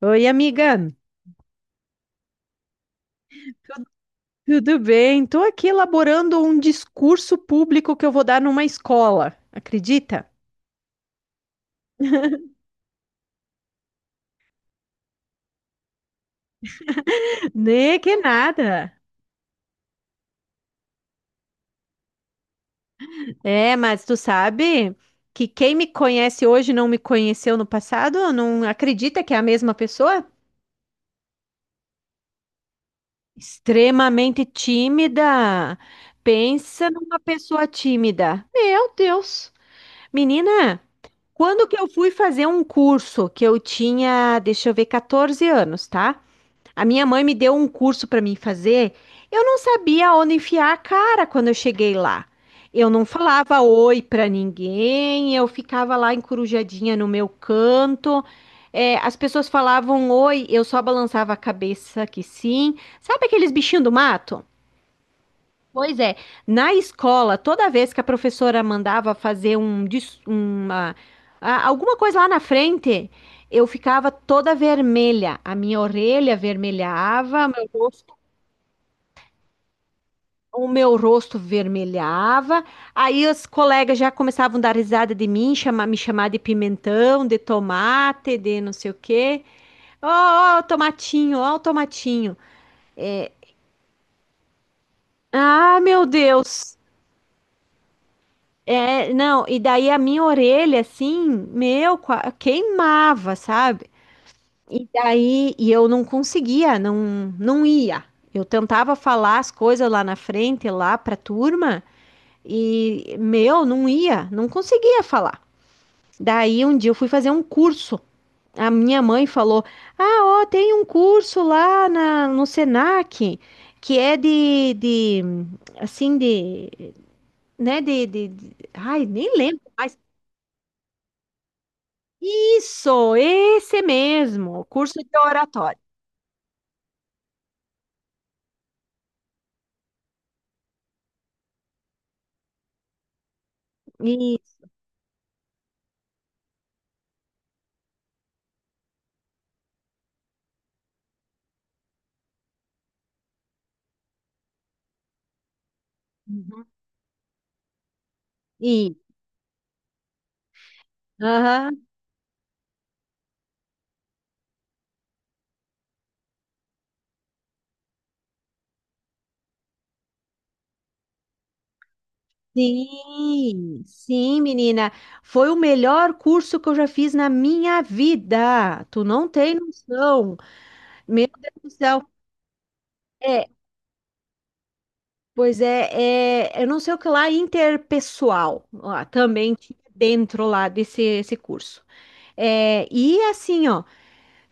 Oi, amiga, tudo bem? Estou aqui elaborando um discurso público que eu vou dar numa escola, acredita? Nem que nada. É, mas tu sabe que quem me conhece hoje não me conheceu no passado? Não acredita que é a mesma pessoa? Extremamente tímida. Pensa numa pessoa tímida. Meu Deus! Menina, quando que eu fui fazer um curso que eu tinha, deixa eu ver, 14 anos, tá? A minha mãe me deu um curso para mim fazer. Eu não sabia onde enfiar a cara quando eu cheguei lá. Eu não falava oi para ninguém, eu ficava lá encorujadinha no meu canto. É, as pessoas falavam oi, eu só balançava a cabeça que sim. Sabe aqueles bichinhos do mato? Pois é, na escola, toda vez que a professora mandava fazer um, uma, alguma coisa lá na frente, eu ficava toda vermelha. A minha orelha vermelhava, o meu rosto vermelhava. Aí os colegas já começavam a dar risada de mim, me chamar de pimentão, de tomate, de não sei o quê. Ó, ó, o tomatinho, ó, o tomatinho. Ah, meu Deus! É, não, e daí a minha orelha, assim, meu, queimava, sabe? E daí, e eu não conseguia, não, não ia. Eu tentava falar as coisas lá na frente, lá pra turma, e, meu, não ia, não conseguia falar. Daí, um dia eu fui fazer um curso. A minha mãe falou: Ah, ó, tem um curso lá no Senac, que é de, assim, de, né, ai, nem lembro mais. Isso, esse mesmo, curso de oratório. Isso, uhum, isso. Aham. Sim, sim, menina. Foi o melhor curso que eu já fiz na minha vida. Tu não tem noção. Meu Deus do céu. É, pois é, é, eu não sei o que lá, interpessoal. Ó, também tinha dentro lá desse esse curso. É, e assim, ó.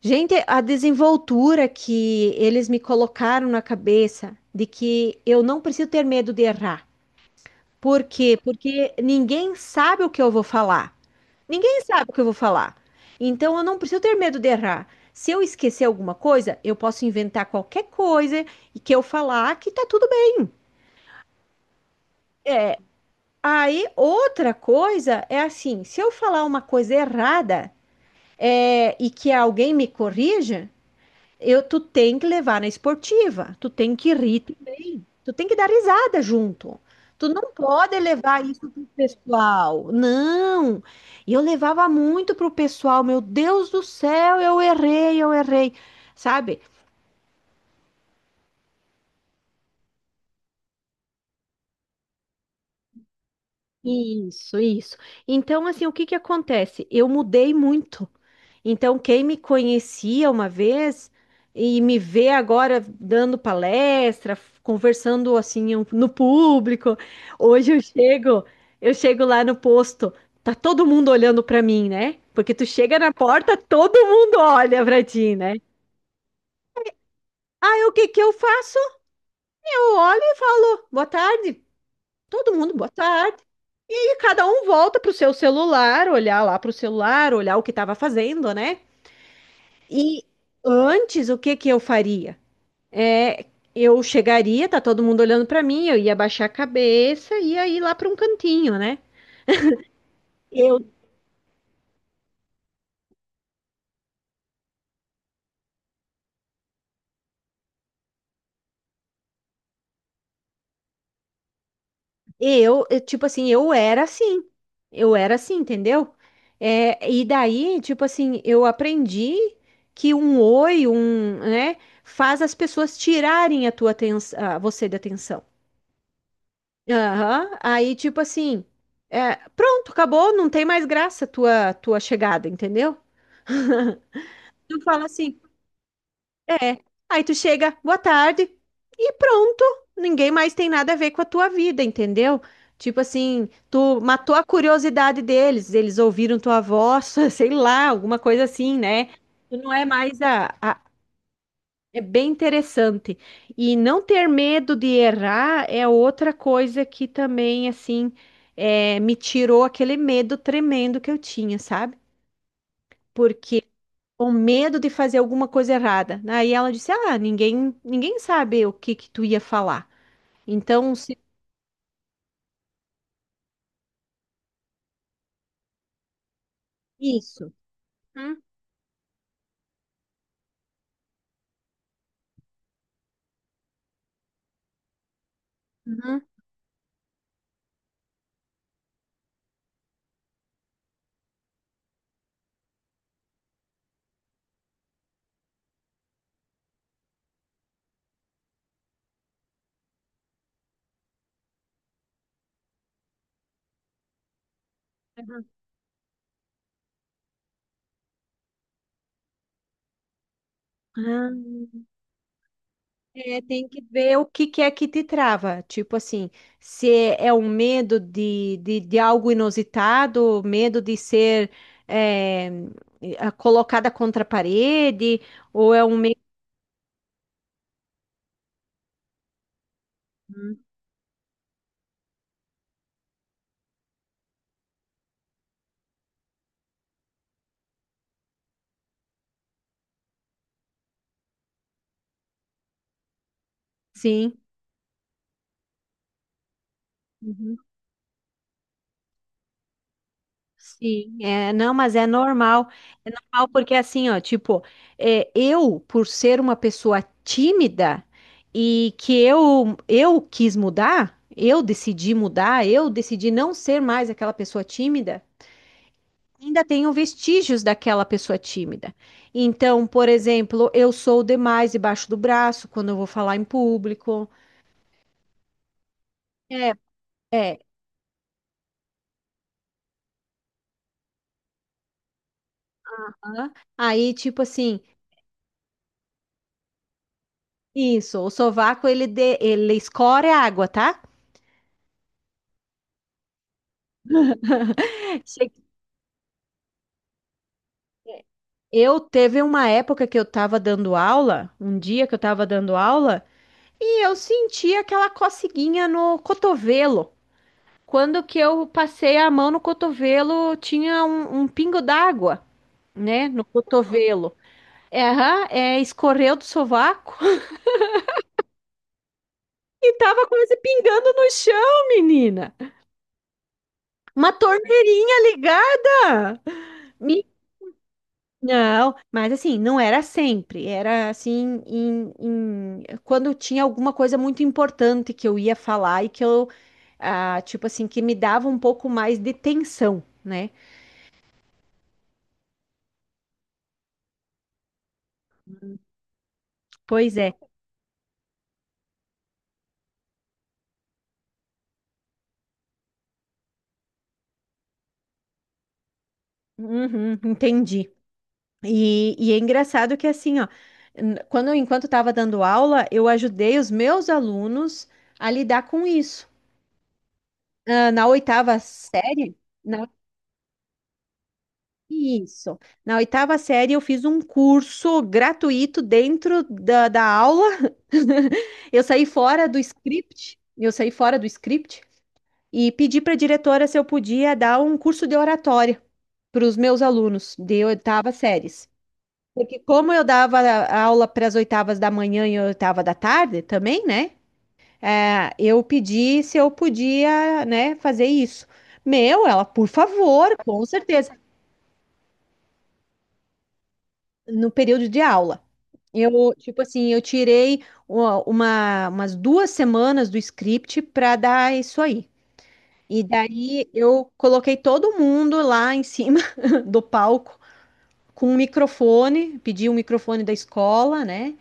Gente, a desenvoltura que eles me colocaram na cabeça de que eu não preciso ter medo de errar. Por quê? Porque ninguém sabe o que eu vou falar. Ninguém sabe o que eu vou falar. Então eu não preciso ter medo de errar. Se eu esquecer alguma coisa, eu posso inventar qualquer coisa e que eu falar que tá tudo bem. É, aí outra coisa é assim, se eu falar uma coisa errada, é, e que alguém me corrija, tu tem que levar na esportiva, tu tem que rir também, tu tem que dar risada junto. Tu não pode levar isso pro pessoal. Não. E eu levava muito pro pessoal, meu Deus do céu, eu errei, eu errei. Sabe? Isso, isso. Então, assim, o que que acontece? Eu mudei muito. Então, quem me conhecia uma vez e me vê agora dando palestra, conversando assim no público, hoje eu chego lá no posto, tá todo mundo olhando para mim, né? Porque tu chega na porta, todo mundo olha para ti, né? Aí o que que eu faço? Eu olho e falo, boa tarde. Todo mundo, boa tarde. Cada um volta pro seu celular, olhar lá pro celular, olhar o que estava fazendo, né? E antes, o que que eu faria? É, eu chegaria, tá todo mundo olhando pra mim, eu ia baixar a cabeça e ia ir lá pra um cantinho, né? Eu, tipo assim, eu era assim. Eu era assim, entendeu? É, e daí, tipo assim, eu aprendi que um oi, um, né, faz as pessoas tirarem a tua atenção, você da atenção. Aham. Aí, tipo assim, é, pronto, acabou, não tem mais graça a tua chegada, entendeu? Tu fala assim, é. Aí tu chega, boa tarde, e pronto. Ninguém mais tem nada a ver com a tua vida, entendeu? Tipo assim, tu matou a curiosidade deles, eles ouviram tua voz, sei lá, alguma coisa assim, né? Tu não é mais a, é bem interessante. E não ter medo de errar é outra coisa que também, assim, é, me tirou aquele medo tremendo que eu tinha, sabe? Porque o medo de fazer alguma coisa errada. Aí ela disse: Ah, ninguém, ninguém sabe o que que tu ia falar. Então, se... Isso. Uhum. Uhum. É, tem que ver o que que é que te trava. Tipo assim, se é um medo de algo inusitado, medo de ser é, colocada contra a parede, ou é um medo. Sim. Uhum. Sim, é, não, mas é normal. É normal porque assim, ó, tipo, é, eu, por ser uma pessoa tímida e que eu quis mudar, eu decidi não ser mais aquela pessoa tímida. Ainda tenham vestígios daquela pessoa tímida. Então, por exemplo, eu sou demais debaixo do braço quando eu vou falar em público. É, é. Hã? Aí, tipo assim, isso, o sovaco ele, de, ele escorre a água, tá? Che- Eu teve uma época que eu tava dando aula, um dia que eu tava dando aula, e eu senti aquela coceguinha no cotovelo. Quando que eu passei a mão no cotovelo, tinha um pingo d'água, né, no cotovelo. É, aham, é, escorreu do sovaco e tava quase pingando no chão, menina. Uma torneirinha ligada. Me- Não, mas assim, não era sempre. Era assim, quando tinha alguma coisa muito importante que eu ia falar e que eu, ah, tipo assim, que me dava um pouco mais de tensão, né? Pois é. Uhum, entendi. E é engraçado que assim, ó, n- quando enquanto estava dando aula, eu ajudei os meus alunos a lidar com isso. Ah, na oitava série, na, isso. Na oitava série eu fiz um curso gratuito dentro da aula. Eu saí fora do script, eu saí fora do script e pedi para a diretora se eu podia dar um curso de oratória para os meus alunos de oitava séries. Porque como eu dava aula para as oitavas da manhã e oitava da tarde também, né? É, eu pedi se eu podia, né, fazer isso. Meu, ela, por favor, com certeza, no período de aula. Eu, tipo assim, eu tirei umas duas semanas do script para dar isso aí. E daí eu coloquei todo mundo lá em cima do palco com um microfone, pedi um microfone da escola, né?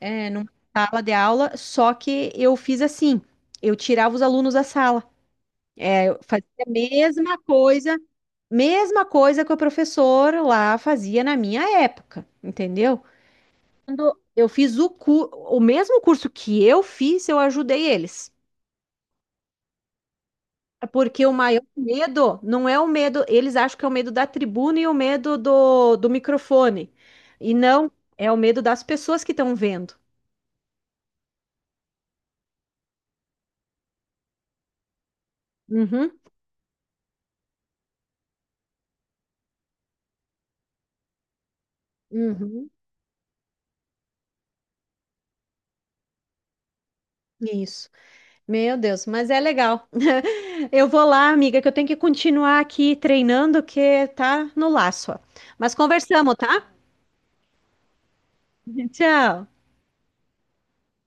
É, numa sala de aula, só que eu fiz assim, eu tirava os alunos da sala, É, eu fazia a mesma coisa que o professor lá fazia na minha época, entendeu? Quando eu fiz o, o mesmo curso que eu fiz, eu ajudei eles. É. Porque o maior medo não é o medo, eles acham que é o medo da tribuna e o medo do, do microfone. E não, é o medo das pessoas que estão vendo. Uhum, uhum, isso. Meu Deus, mas é legal. Eu vou lá, amiga, que eu tenho que continuar aqui treinando, que tá no laço. Ó. Mas conversamos, tá? Tchau.